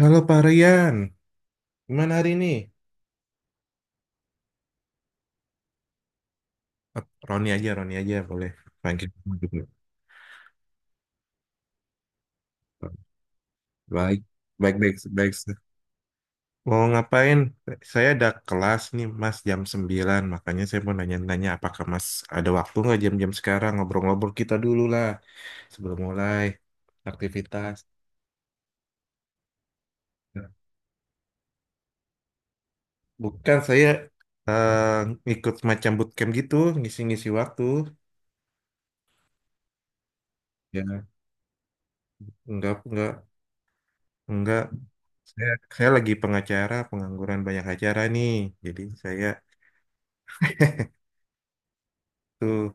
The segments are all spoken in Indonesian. Halo Pak Rian, gimana hari ini? Eh, Roni aja boleh. Panggil nama juga. Baik, baik, baik, baik. Mau ngapain? Saya ada kelas nih Mas jam 9, makanya saya mau nanya-nanya apakah Mas ada waktu nggak jam-jam sekarang ngobrol-ngobrol kita dulu lah sebelum mulai aktivitas. Bukan saya, eh, ikut macam bootcamp gitu, ngisi-ngisi waktu. Ya, enggak, enggak. Saya, saya lagi pengacara, pengangguran banyak acara nih. Jadi saya tuh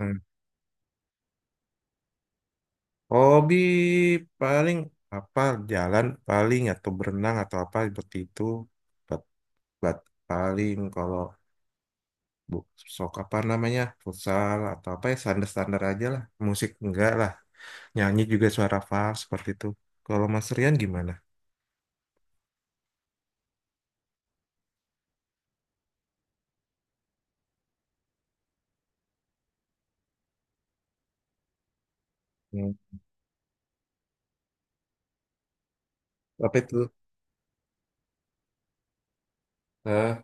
hmm, hobi paling apa jalan paling atau berenang atau apa seperti itu. Bat bat paling kalau bu, sok apa namanya futsal atau apa ya standar-standar aja lah. Musik enggak lah. Nyanyi juga suara fals seperti itu. Kalau Mas Rian gimana? Hmm, apa itu? Eh,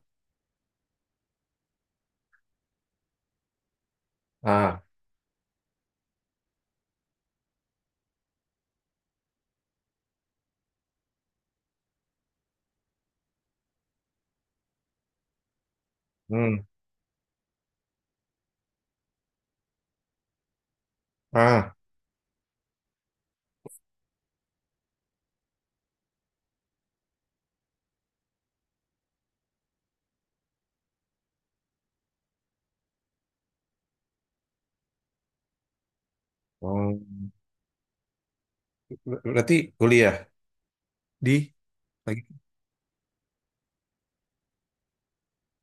ah, hmm, ah. Oh, berarti kuliah di lagi.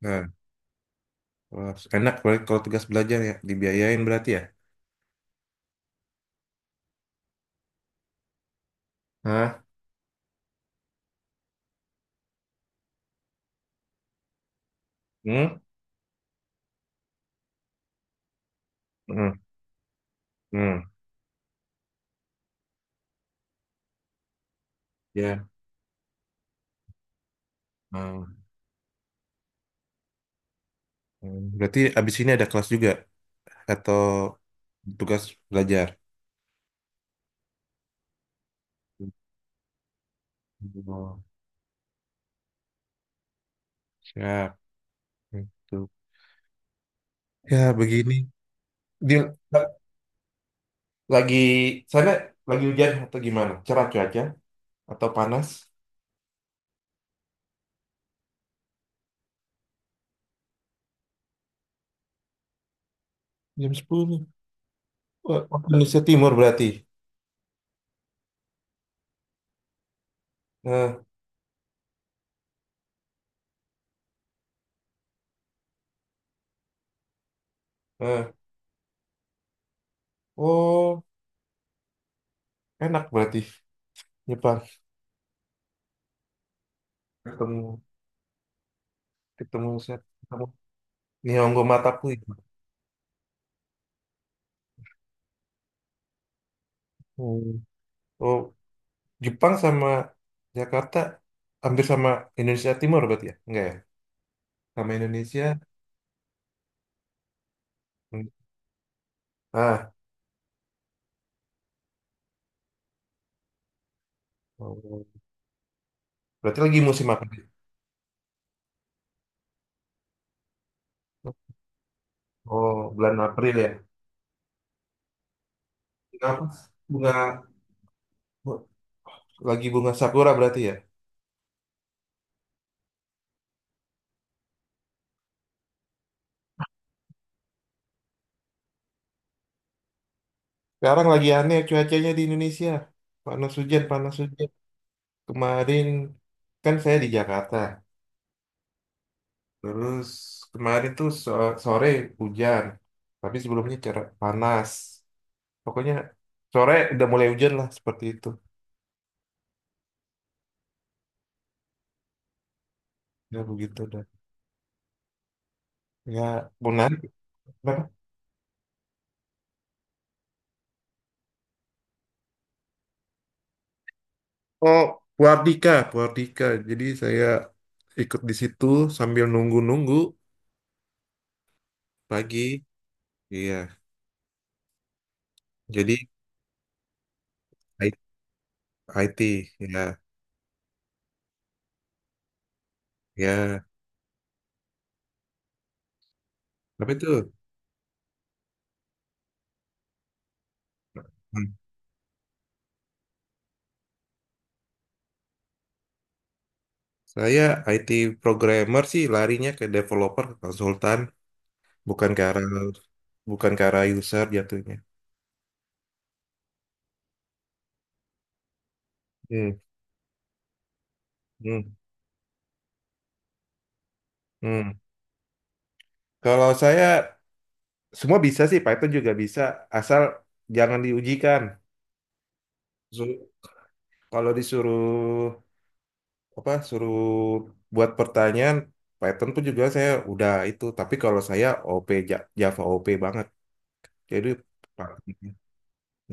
Eh, Wah, enak berarti kalau tugas belajar ya, dibiayain berarti ya? Hah? Hmm? Hmm. Hmm. Ya. Hmm. Hmm. Berarti abis ini ada kelas juga atau tugas belajar? Oh, siap. Itu. Ya, begini. Dia lagi sana lagi hujan atau gimana? Cerah cuaca atau panas? Jam 10, wah, waktu Indonesia Timur berarti. Eh, eh. Oh, enak berarti. Jepang ketemu ketemu set. Nihongo Mataku itu. Hmm. Oh, Jepang sama Jakarta hampir sama Indonesia Timur berarti ya? Enggak ya? Sama Indonesia? Hmm. Ah, oh. Berarti lagi musim apa? Oh, bulan April ya. Kenapa? Bunga bu- lagi bunga sakura berarti ya. Sekarang lagi aneh cuacanya di Indonesia. Panas hujan, panas hujan. Kemarin kan saya di Jakarta. Terus kemarin tuh sore hujan, tapi sebelumnya cerah panas. Pokoknya sore udah mulai hujan lah seperti itu. Ya begitu dah. Ya menarik. Kenapa? Oh, Buardika, Buardika. Jadi saya ikut di situ sambil nunggu-nunggu pagi. Iya. Jadi I- IT, ya, ya. Tapi itu hmm, saya IT programmer sih larinya ke developer, ke konsultan, bukan ke arah bukan ke arah user jatuhnya. Hmm, hmm, hmm. Kalau saya semua bisa sih, Python juga bisa, asal jangan diujikan. Su- Kalau disuruh apa, suruh buat pertanyaan, Python pun juga saya udah itu. Tapi kalau saya OP Java OP banget, jadi Python.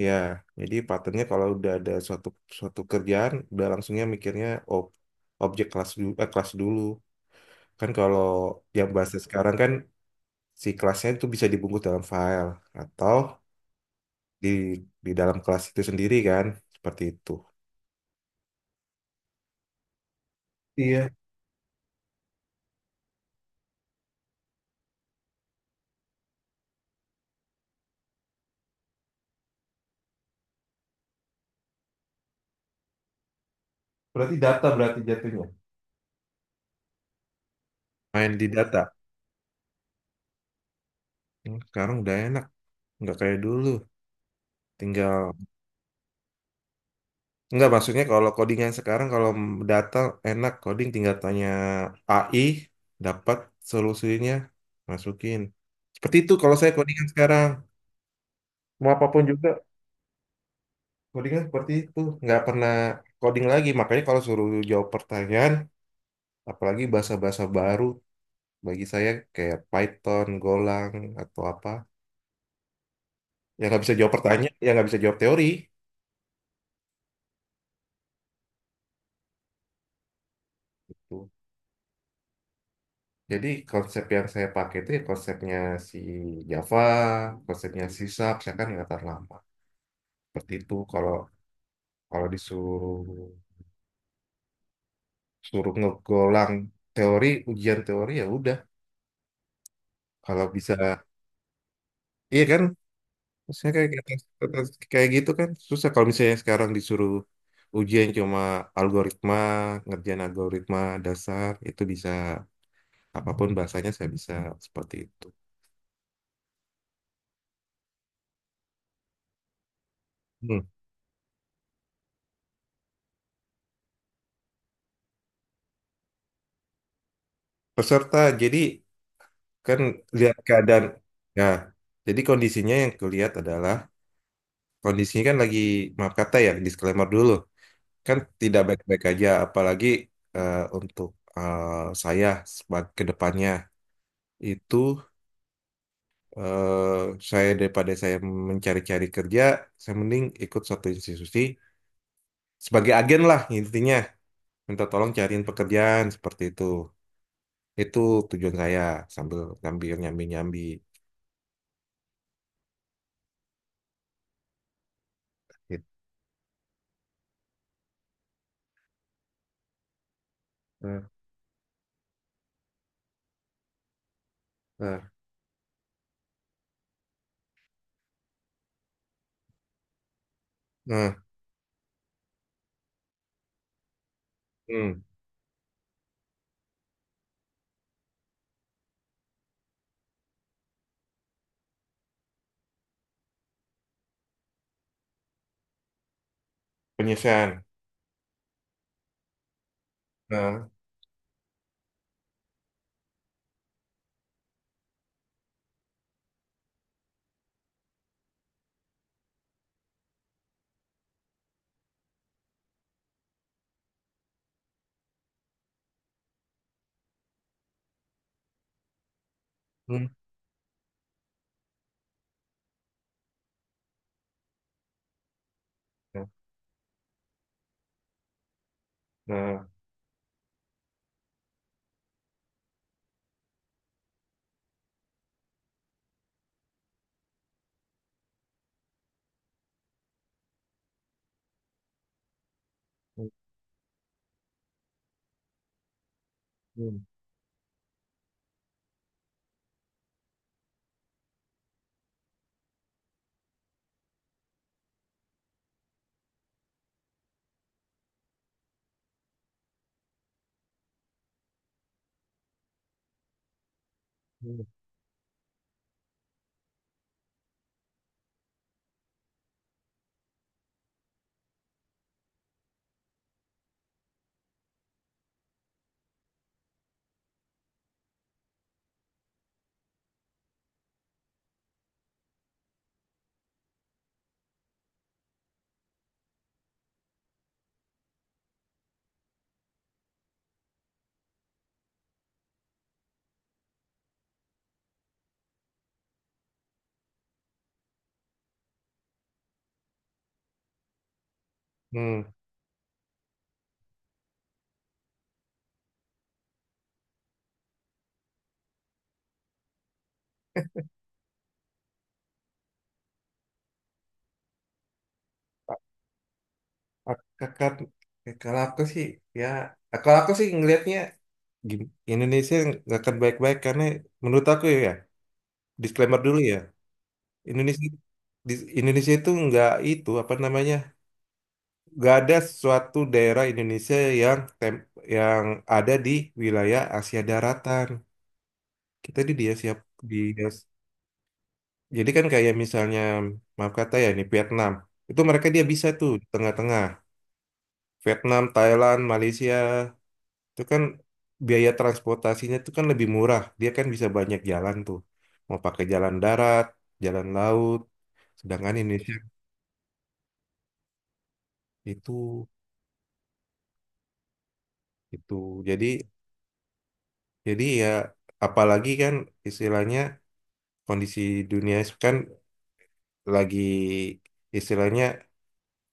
Ya, jadi patternnya kalau udah ada suatu suatu kerjaan, udah langsungnya mikirnya ob, objek kelas dulu, kelas dulu. Kan kalau yang bahasa sekarang kan si kelasnya itu bisa dibungkus dalam file atau di di dalam kelas itu sendiri kan seperti itu. Iya, berarti data berarti jatuhnya. Main di data hmm, sekarang udah enak nggak kayak dulu tinggal nggak maksudnya kalau codingan sekarang kalau data enak coding tinggal tanya AI dapat solusinya masukin seperti itu kalau saya codingan sekarang mau apapun juga codingan seperti itu nggak pernah coding lagi makanya kalau suruh jawab pertanyaan apalagi bahasa-bahasa baru. Bagi saya kayak Python, Golang, atau apa. Yang nggak bisa jawab pertanyaan, yang nggak bisa jawab teori. Gitu. Jadi konsep yang saya pakai itu ya konsepnya si Java, konsepnya si Sharp, saya kan ingatan lama. Seperti itu kalau kalau disuruh suruh ngegolang teori, ujian teori ya udah. Kalau bisa, iya kan? Maksudnya kayak kayak kayak gitu kan susah kalau misalnya sekarang disuruh ujian cuma algoritma, ngerjain algoritma dasar itu bisa apapun bahasanya saya bisa seperti itu. Hmm. Peserta, jadi kan lihat keadaan. Ya, jadi kondisinya yang kulihat adalah kondisinya kan lagi maaf kata ya disclaimer dulu kan tidak baik-baik aja, apalagi untuk eh, saya ke depannya itu saya daripada saya mencari-cari kerja, saya mending ikut suatu institusi sebagai agen lah intinya minta tolong cariin pekerjaan seperti itu. Itu tujuan saya sambil sambil nyambi-nyambi gitu. Nah, nah, nah, hmm, penyelesaian. Nah, hmm, nah, nah, hmm, hmm, hmm. Hmm. A- Kakak, eh, kalau aku sih ya, kalau aku sih ngelihatnya gini, Indonesia nggak akan baik-baik karena menurut aku ya, disclaimer dulu ya, Indonesia di Indonesia itu nggak itu apa namanya nggak ada suatu daerah Indonesia yang yang ada di wilayah Asia Daratan kita di dia siap di jadi kan kayak misalnya maaf kata ya ini Vietnam itu mereka dia bisa tuh di tengah-tengah Vietnam Thailand Malaysia itu kan biaya transportasinya itu kan lebih murah dia kan bisa banyak jalan tuh mau pakai jalan darat jalan laut sedangkan Indonesia itu itu jadi jadi ya apalagi kan istilahnya kondisi dunia kan lagi istilahnya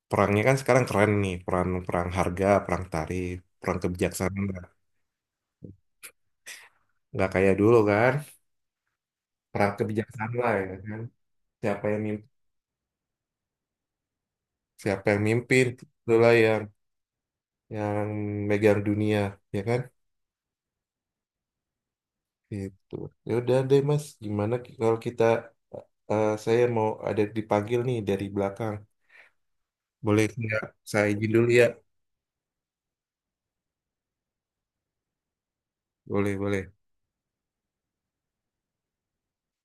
perangnya kan sekarang keren nih perang perang harga perang tarif perang kebijaksanaan nggak kayak dulu kan perang kebijaksanaan lah ya kan siapa yang mimpin, siapa yang mimpin itulah yang megang dunia ya kan itu ya udah deh mas gimana kalau kita eh, saya mau ada dipanggil nih dari belakang boleh nggak saya izin dulu ya boleh boleh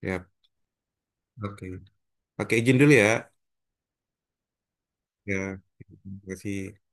ya oke oke izin dulu ya ya terima kasih